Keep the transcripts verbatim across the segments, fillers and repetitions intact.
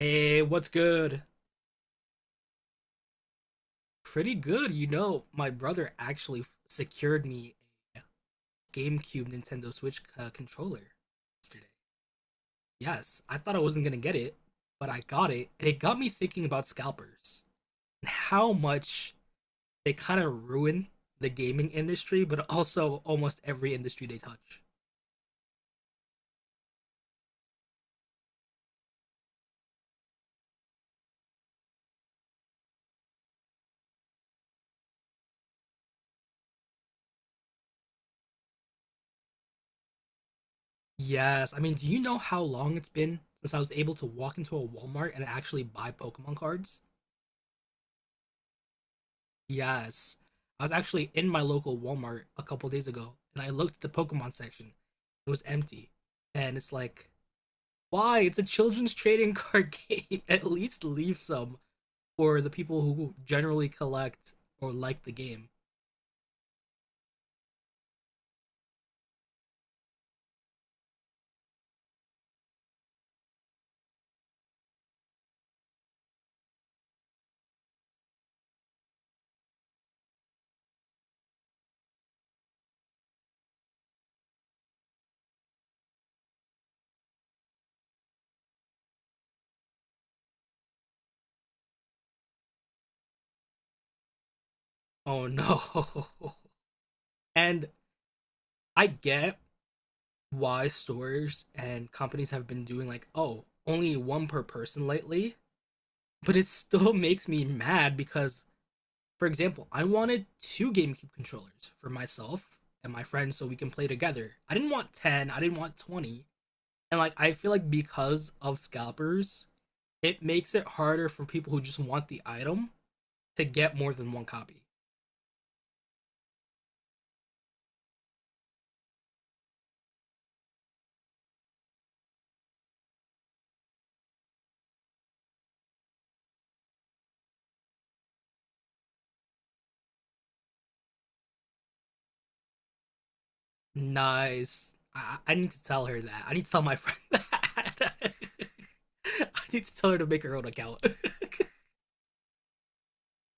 Hey, what's good? Pretty good, you know. My brother actually f- secured me a GameCube Nintendo Switch uh, controller yesterday. Yes, I thought I wasn't gonna get it, but I got it, and it got me thinking about scalpers and how much they kind of ruin the gaming industry, but also almost every industry they touch. Yes, I mean, do you know how long it's been since I was able to walk into a Walmart and actually buy Pokemon cards? Yes. I was actually in my local Walmart a couple days ago and I looked at the Pokemon section. It was empty. And it's like, why? It's a children's trading card game. At least leave some for the people who generally collect or like the game. Oh no. And I get why stores and companies have been doing like, oh, only one per person lately, but it still makes me mad because for example, I wanted two GameCube controllers for myself and my friends so we can play together. I didn't want ten, I didn't want twenty. And like I feel like because of scalpers, it makes it harder for people who just want the item to get more than one copy. Nice. I, I need to tell her that. I need to tell my friend that. I need to tell her to make her own account.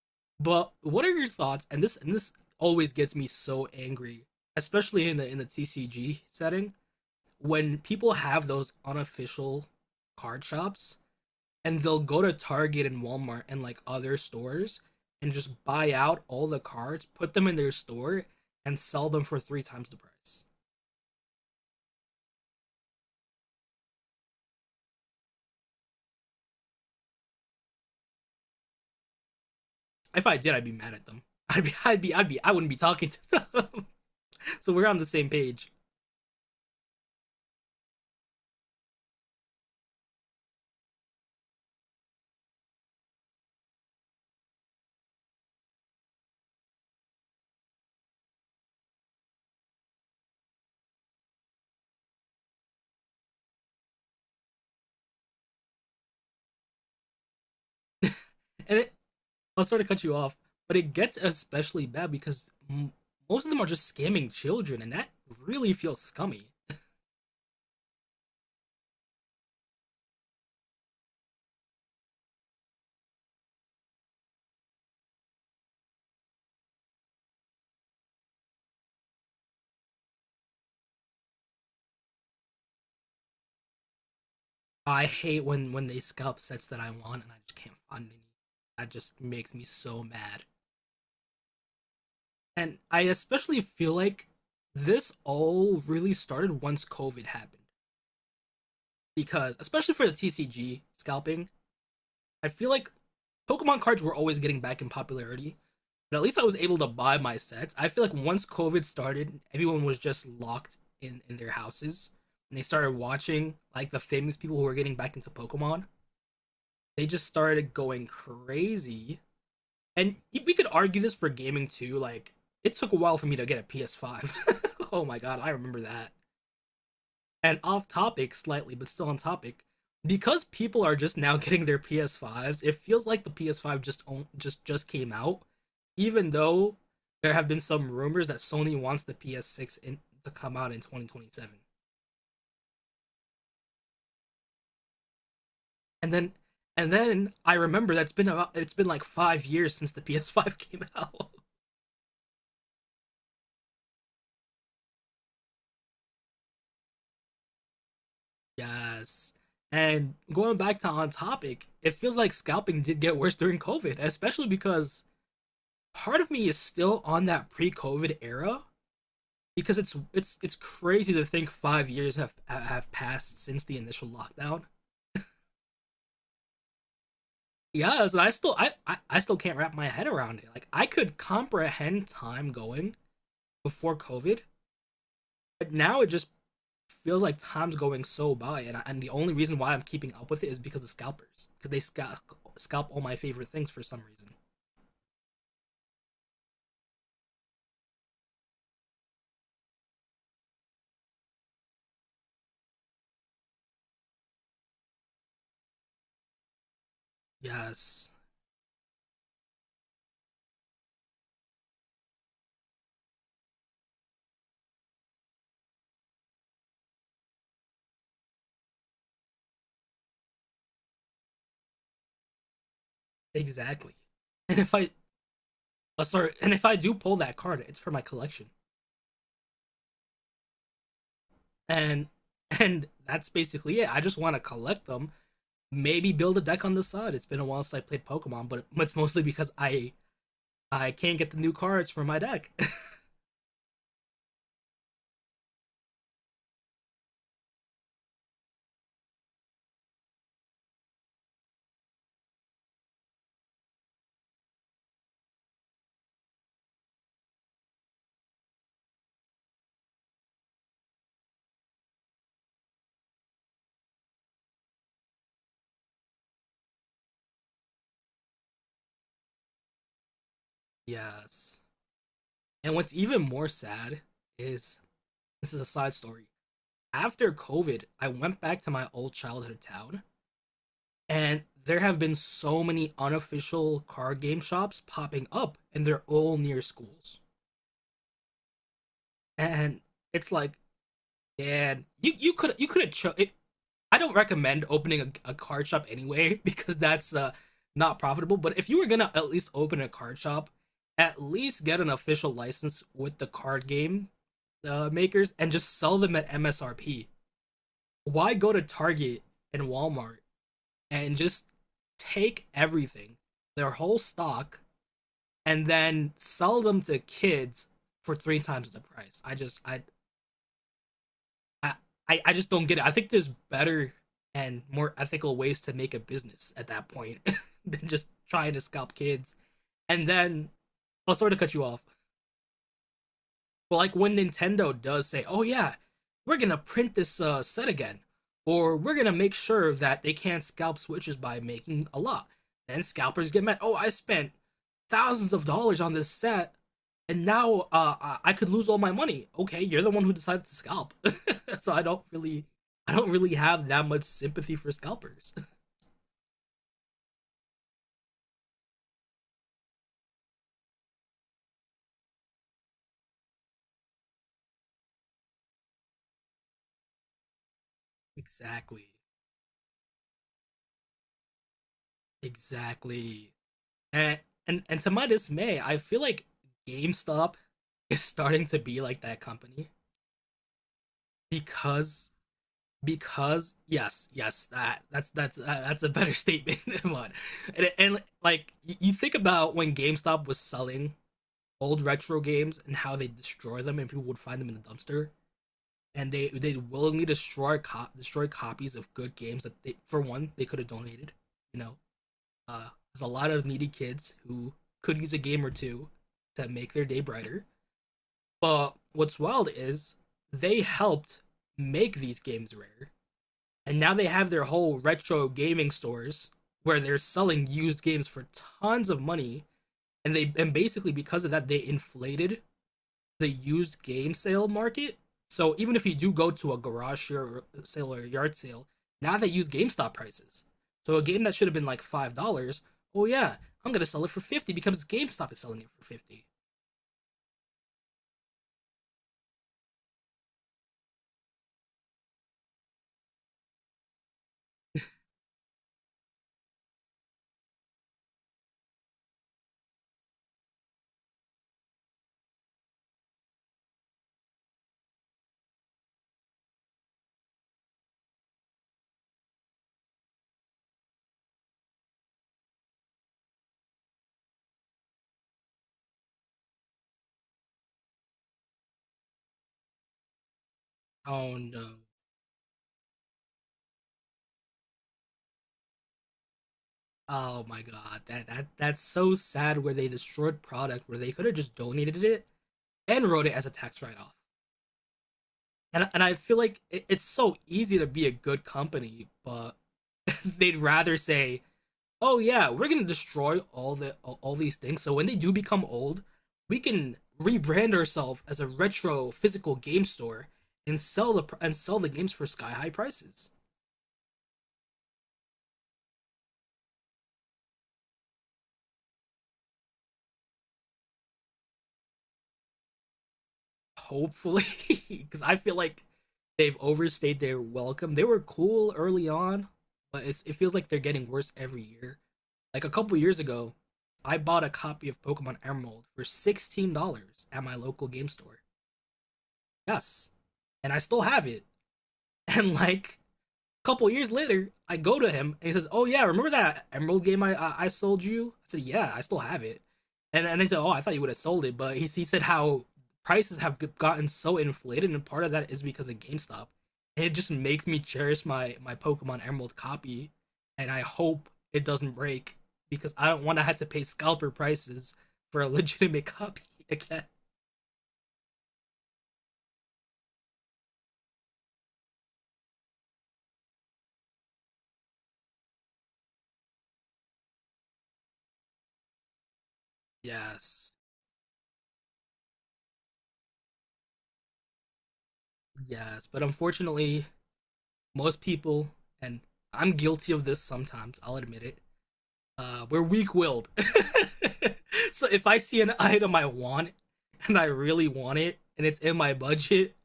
But what are your thoughts? And this and this always gets me so angry, especially in the in the T C G setting when people have those unofficial card shops, and they'll go to Target and Walmart and like other stores and just buy out all the cards, put them in their store, and sell them for three times the price. If I did, I'd be mad at them. I'd be, I'd be, I'd be, I wouldn't be talking to them. So we're on the same page. and it, I'll sort of cut you off, but it gets especially bad because m- most of them are just scamming children, and that really feels scummy. I hate when when they scalp sets that I want and I just can't find any. That just makes me so mad. And I especially feel like this all really started once COVID happened because, especially for the T C G scalping, I feel like Pokemon cards were always getting back in popularity. But at least I was able to buy my sets. I feel like once COVID started, everyone was just locked in in their houses and they started watching like the famous people who were getting back into Pokemon. They just started going crazy, and we could argue this for gaming too. Like, it took a while for me to get a P S five. Oh my god, I remember that. And off topic slightly, but still on topic, because people are just now getting their P S fives, it feels like the P S five just just just came out, even though there have been some rumors that Sony wants the P S six in, to come out in twenty twenty-seven. And then and then I remember that's been about it's been like five years since the P S five came out. Yes. And going back to on topic, it feels like scalping did get worse during COVID, especially because part of me is still on that pre-COVID era because it's it's it's crazy to think five years have have passed since the initial lockdown. Yes, and I still I, I I still can't wrap my head around it. Like I could comprehend time going before COVID, but now it just feels like time's going so by, and I, and the only reason why I'm keeping up with it is because of scalpers, because they scalp scalp all my favorite things for some reason. Yes, exactly. And if I uh, sorry, and if I do pull that card, it's for my collection, and and that's basically it. I just want to collect them, maybe build a deck on the side. It's been a while since I played Pokemon, but it's mostly because I I can't get the new cards for my deck. Yes, and what's even more sad is this is a side story. After COVID, I went back to my old childhood town, and there have been so many unofficial card game shops popping up, and they're all near schools. And it's like, man, you you could you could have cho- it. I don't recommend opening a, a card shop anyway because that's uh, not profitable. But if you were gonna at least open a card shop, at least get an official license with the card game uh, makers and just sell them at M S R P. Why go to Target and Walmart and just take everything, their whole stock, and then sell them to kids for three times the price. I just I I I just don't get it. I think there's better and more ethical ways to make a business at that point than just trying to scalp kids. And then I'll sort of cut you off. But like when Nintendo does say, "Oh yeah, we're gonna print this uh, set again," or "We're gonna make sure that they can't scalp Switches by making a lot," then scalpers get mad. Oh, I spent thousands of dollars on this set, and now uh, I- I could lose all my money. Okay, you're the one who decided to scalp, so I don't really, I don't really have that much sympathy for scalpers. Exactly, exactly. And and and to my dismay, I feel like GameStop is starting to be like that company because because yes yes that that's that's uh, that's a better statement than one. And, and like you think about when GameStop was selling old retro games and how they destroy them and people would find them in the dumpster and they they willingly destroy co- destroy copies of good games that they, for one, they could have donated, you know. Uh, there's a lot of needy kids who could use a game or two to make their day brighter. But what's wild is they helped make these games rare, and now they have their whole retro gaming stores where they're selling used games for tons of money, and they and basically because of that they inflated the used game sale market. So even if you do go to a garage sale or a yard sale, now they use GameStop prices. So a game that should have been like five dollars, oh yeah, I'm gonna sell it for fifty because GameStop is selling it for fifty. Oh no. Oh my god, that, that that's so sad where they destroyed product where they could have just donated it and wrote it as a tax write off. And and I feel like it, it's so easy to be a good company, but they'd rather say, oh yeah, we're gonna destroy all the all these things. So when they do become old, we can rebrand ourselves as a retro physical game store and sell the and sell the games for sky high prices. Hopefully, because I feel like they've overstayed their welcome. They were cool early on, but it's, it feels like they're getting worse every year. Like a couple years ago, I bought a copy of Pokemon Emerald for sixteen dollars at my local game store. Yes, and I still have it. And like couple years later, I go to him and he says, "Oh yeah, remember that Emerald game I I, I sold you?" I said, "Yeah, I still have it." And and they said, "Oh, I thought you would have sold it," but he he said how prices have gotten so inflated, and part of that is because of GameStop. And it just makes me cherish my my Pokemon Emerald copy, and I hope it doesn't break because I don't want to have to pay scalper prices for a legitimate copy again. Yes, yes, but unfortunately, most people, and I'm guilty of this sometimes, I'll admit it, uh, we're weak willed. So if I see an item I want and I really want it and it's in my budget,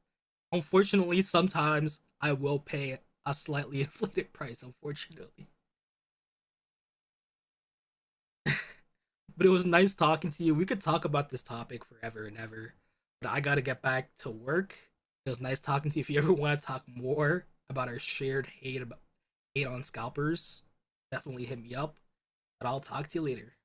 unfortunately, sometimes I will pay a slightly inflated price, unfortunately. But it was nice talking to you. We could talk about this topic forever and ever, but I got to get back to work. It was nice talking to you. If you ever want to talk more about our shared hate about hate on scalpers, definitely hit me up. But I'll talk to you later.